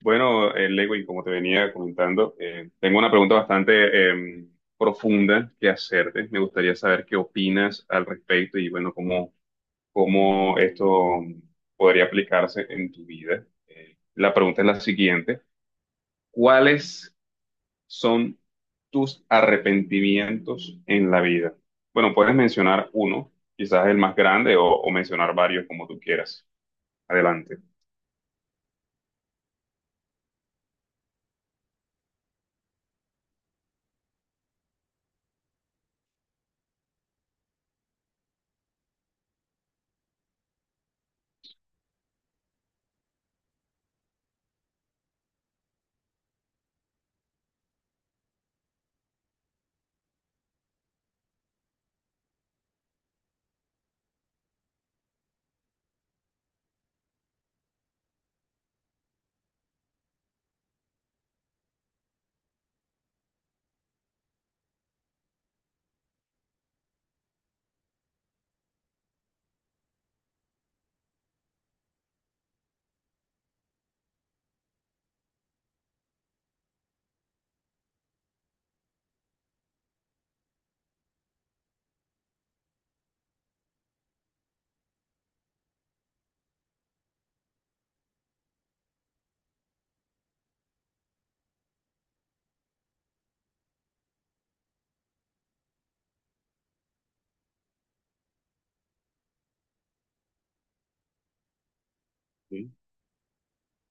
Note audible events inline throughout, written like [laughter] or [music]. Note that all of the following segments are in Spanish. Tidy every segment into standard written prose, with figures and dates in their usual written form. Bueno, Lewin, como te venía comentando, tengo una pregunta bastante eh, profunda que hacerte. Me gustaría saber qué opinas al respecto y, bueno, cómo esto podría aplicarse en tu vida. La pregunta es la siguiente. ¿Cuáles son tus arrepentimientos en la vida? Bueno, puedes mencionar uno, quizás el más grande, o mencionar varios como tú quieras. Adelante.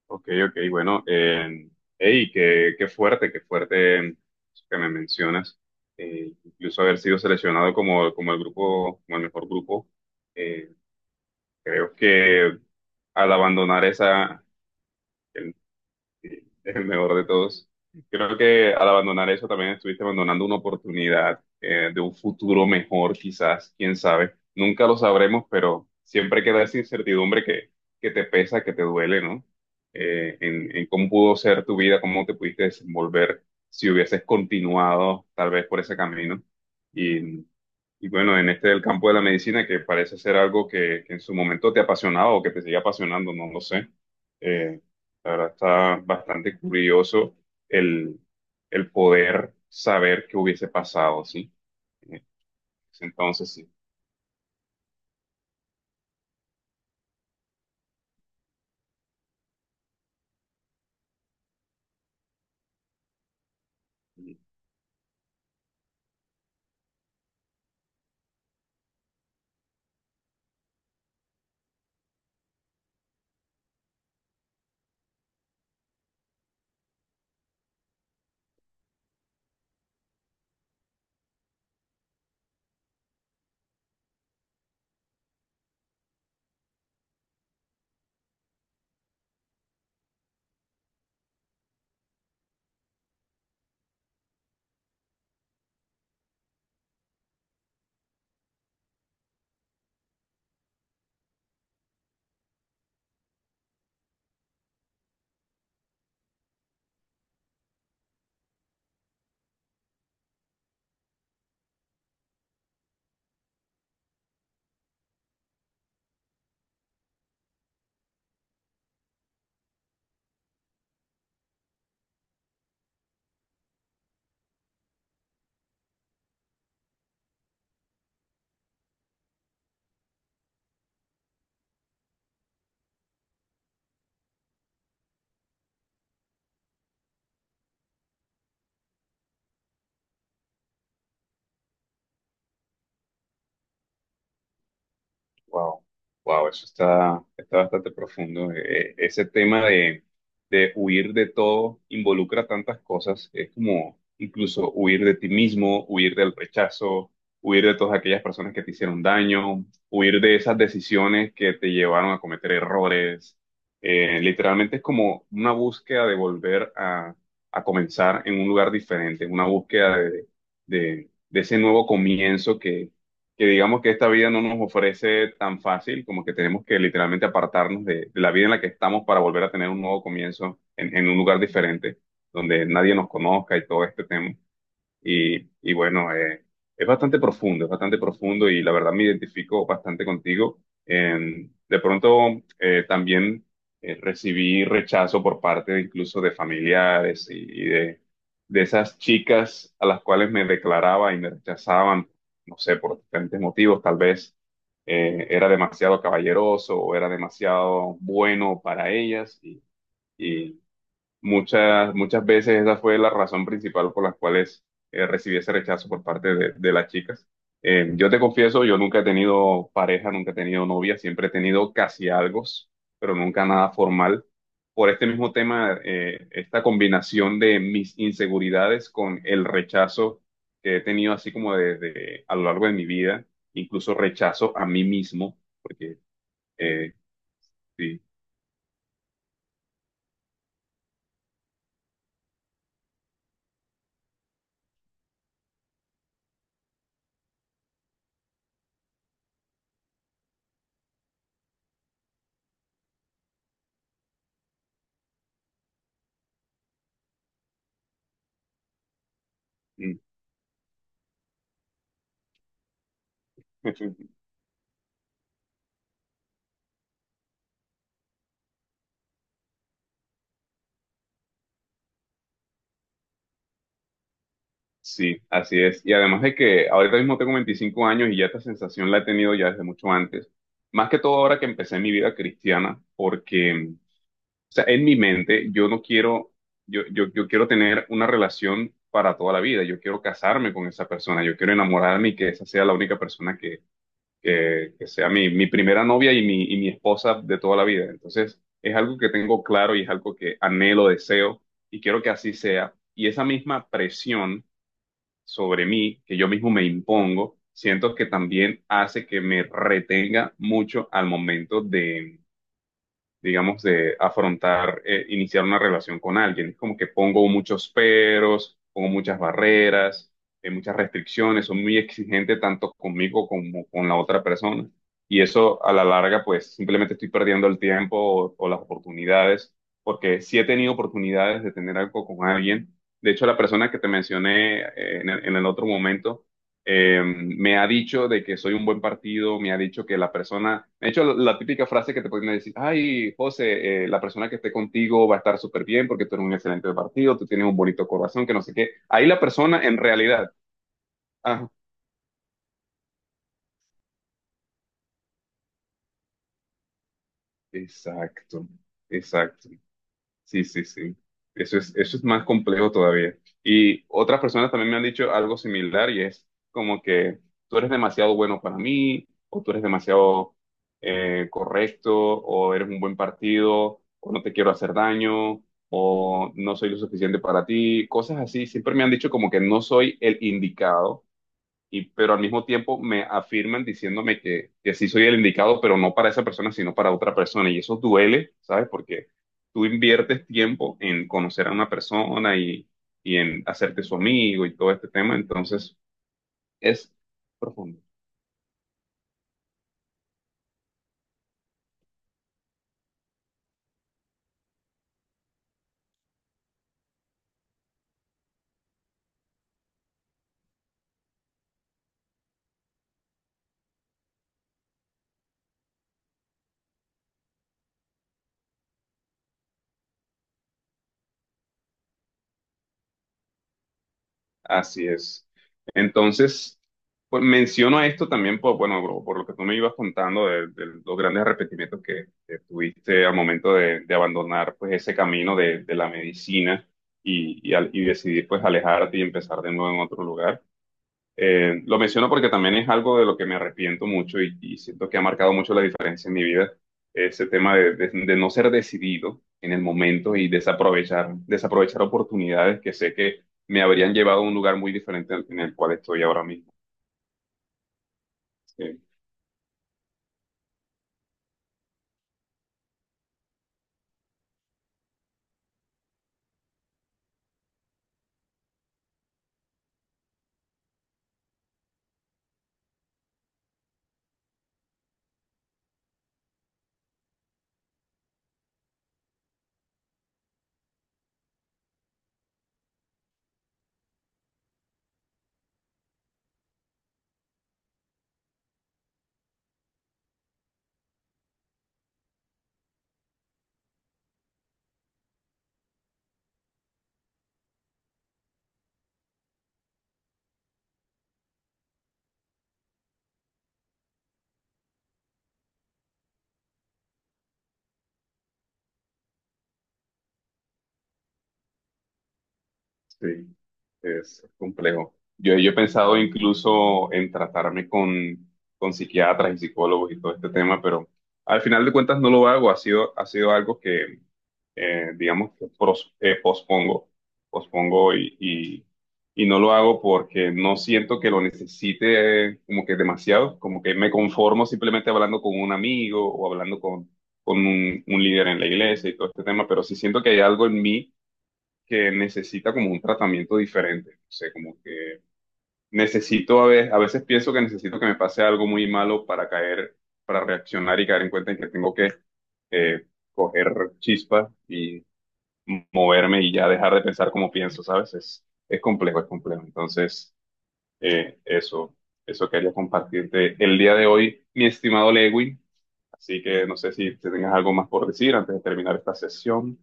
Ok, bueno, hey, qué fuerte, qué fuerte eso que me mencionas. Incluso haber sido seleccionado como el grupo, como el mejor grupo. Eh, creo que al abandonar esa, [laughs] sí, el mejor de todos. Creo que al abandonar eso también estuviste abandonando una oportunidad de un futuro mejor, quizás, quién sabe. Nunca lo sabremos, pero siempre queda esa incertidumbre que te pesa, que te duele, ¿no? En cómo pudo ser tu vida, cómo te pudiste desenvolver si hubieses continuado tal vez por ese camino. Y, y bueno, en este del campo de la medicina, que parece ser algo que en su momento te apasionaba o que te sigue apasionando, no lo sé. eh, la verdad está bastante curioso el, el poder saber qué hubiese pasado, ¿sí? En ese entonces, sí. Wow, wow, eso está, está bastante profundo. Ese tema de huir de todo involucra tantas cosas. Es como incluso huir de ti mismo, huir del rechazo, huir de todas aquellas personas que te hicieron daño, huir de esas decisiones que te llevaron a cometer errores. Literalmente es como una búsqueda de volver a comenzar en un lugar diferente, una búsqueda de ese nuevo comienzo que digamos que esta vida no nos ofrece tan fácil, como que tenemos que literalmente apartarnos de la vida en la que estamos para volver a tener un nuevo comienzo en un lugar diferente, donde nadie nos conozca y todo este tema. Y bueno, es bastante profundo y la verdad me identifico bastante contigo. En- de pronto también recibí rechazo por parte incluso de familiares y, y de esas chicas a las cuales me declaraba y me rechazaban, no sé, por diferentes motivos, tal vez era demasiado caballeroso o era demasiado bueno para ellas y, muchas veces esa fue la razón principal por las cuales recibí ese rechazo por parte de las chicas. Yo te confieso, yo nunca he tenido pareja, nunca he tenido novia, siempre he tenido casi algo, pero nunca nada formal. Por este mismo tema, esta combinación de mis inseguridades con el rechazo que he tenido así como de- a lo largo de mi vida, incluso rechazo a mí mismo, porque eh, sí, mm. [laughs] Sí, así es. Y además de que ahorita mismo tengo 25 años y ya esta sensación la he tenido ya desde mucho antes. Más que todo ahora que empecé mi vida cristiana, porque, o sea, en mi mente yo no quiero, yo quiero tener una relación para toda la vida. Yo quiero casarme con esa persona. Yo quiero enamorarme y que esa sea la única persona que sea mi, mi primera novia y mi esposa de toda la vida. Entonces, es algo que tengo claro y es algo que anhelo, deseo y quiero que así sea. Y esa misma presión sobre mí, que yo mismo me impongo, siento que también hace que me retenga mucho al momento de digamos, de afrontar, iniciar una relación con alguien. Es como que pongo muchos peros, pongo muchas barreras, muchas restricciones, soy muy exigente tanto conmigo como con la otra persona. Y eso a la larga, pues simplemente estoy perdiendo el tiempo o las oportunidades, porque sí he tenido oportunidades de tener algo con alguien. De hecho, la persona que te mencioné en el otro momento, me ha dicho de que soy un buen partido, me ha dicho que la persona, de hecho la típica frase que te pueden decir, ay, José, la persona que esté contigo va a estar súper bien porque tú eres un excelente partido, tú tienes un bonito corazón, que no sé qué. Ahí la persona en realidad, ah, exacto, exacto. Sí, sí, sí. Eso es más complejo todavía. Y otras personas también me han dicho algo similar y es como que tú eres demasiado bueno para mí, o tú eres demasiado correcto, o eres un buen partido, o no te quiero hacer daño, o no soy lo suficiente para ti, cosas así. Siempre me han dicho como que no soy el indicado y, pero al mismo tiempo me afirman diciéndome que sí soy el indicado, pero no para esa persona, sino para otra persona. Y eso duele, ¿sabes? Porque tú inviertes tiempo en conocer a una persona y en hacerte su amigo y todo este tema. Entonces, es profundo. Así es. Entonces, pues menciono esto también por, bueno, bro, por lo que tú me ibas contando de los grandes arrepentimientos que tuviste al momento de abandonar pues ese camino de la medicina y al- y decidir pues alejarte y empezar de nuevo en otro lugar. Lo menciono porque también es algo de lo que me arrepiento mucho y siento que ha marcado mucho la diferencia en mi vida, ese tema de no ser decidido en el momento y desaprovechar, desaprovechar oportunidades que sé que me habrían llevado a un lugar muy diferente al- en el cual estoy ahora mismo. Sí, sí, es complejo. Yo he pensado incluso en tratarme con psiquiatras y psicólogos y todo este tema, pero al final de cuentas no lo hago, ha sido algo que digamos que pros- pospongo, pospongo y no lo hago porque no siento que lo necesite como que demasiado, como que me conformo simplemente hablando con un amigo o hablando con un líder en la iglesia y todo este tema, pero sí siento que hay algo en mí que necesita como un tratamiento diferente, o sea, como que necesito a veces pienso que necesito que me pase algo muy malo para caer, para reaccionar y caer en cuenta en que tengo que... eh, coger chispa y moverme y ya dejar de pensar como pienso, ¿sabes? Es complejo, es complejo. Entonces, eso, eso quería compartirte el día de hoy, mi estimado Lewin. Así que no sé si te tengas algo más por decir antes de terminar esta sesión.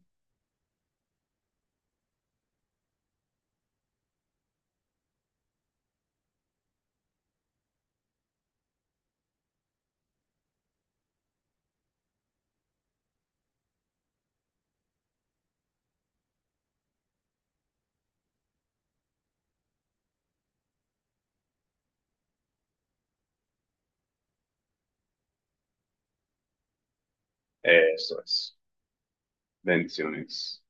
Eso es. Bendiciones.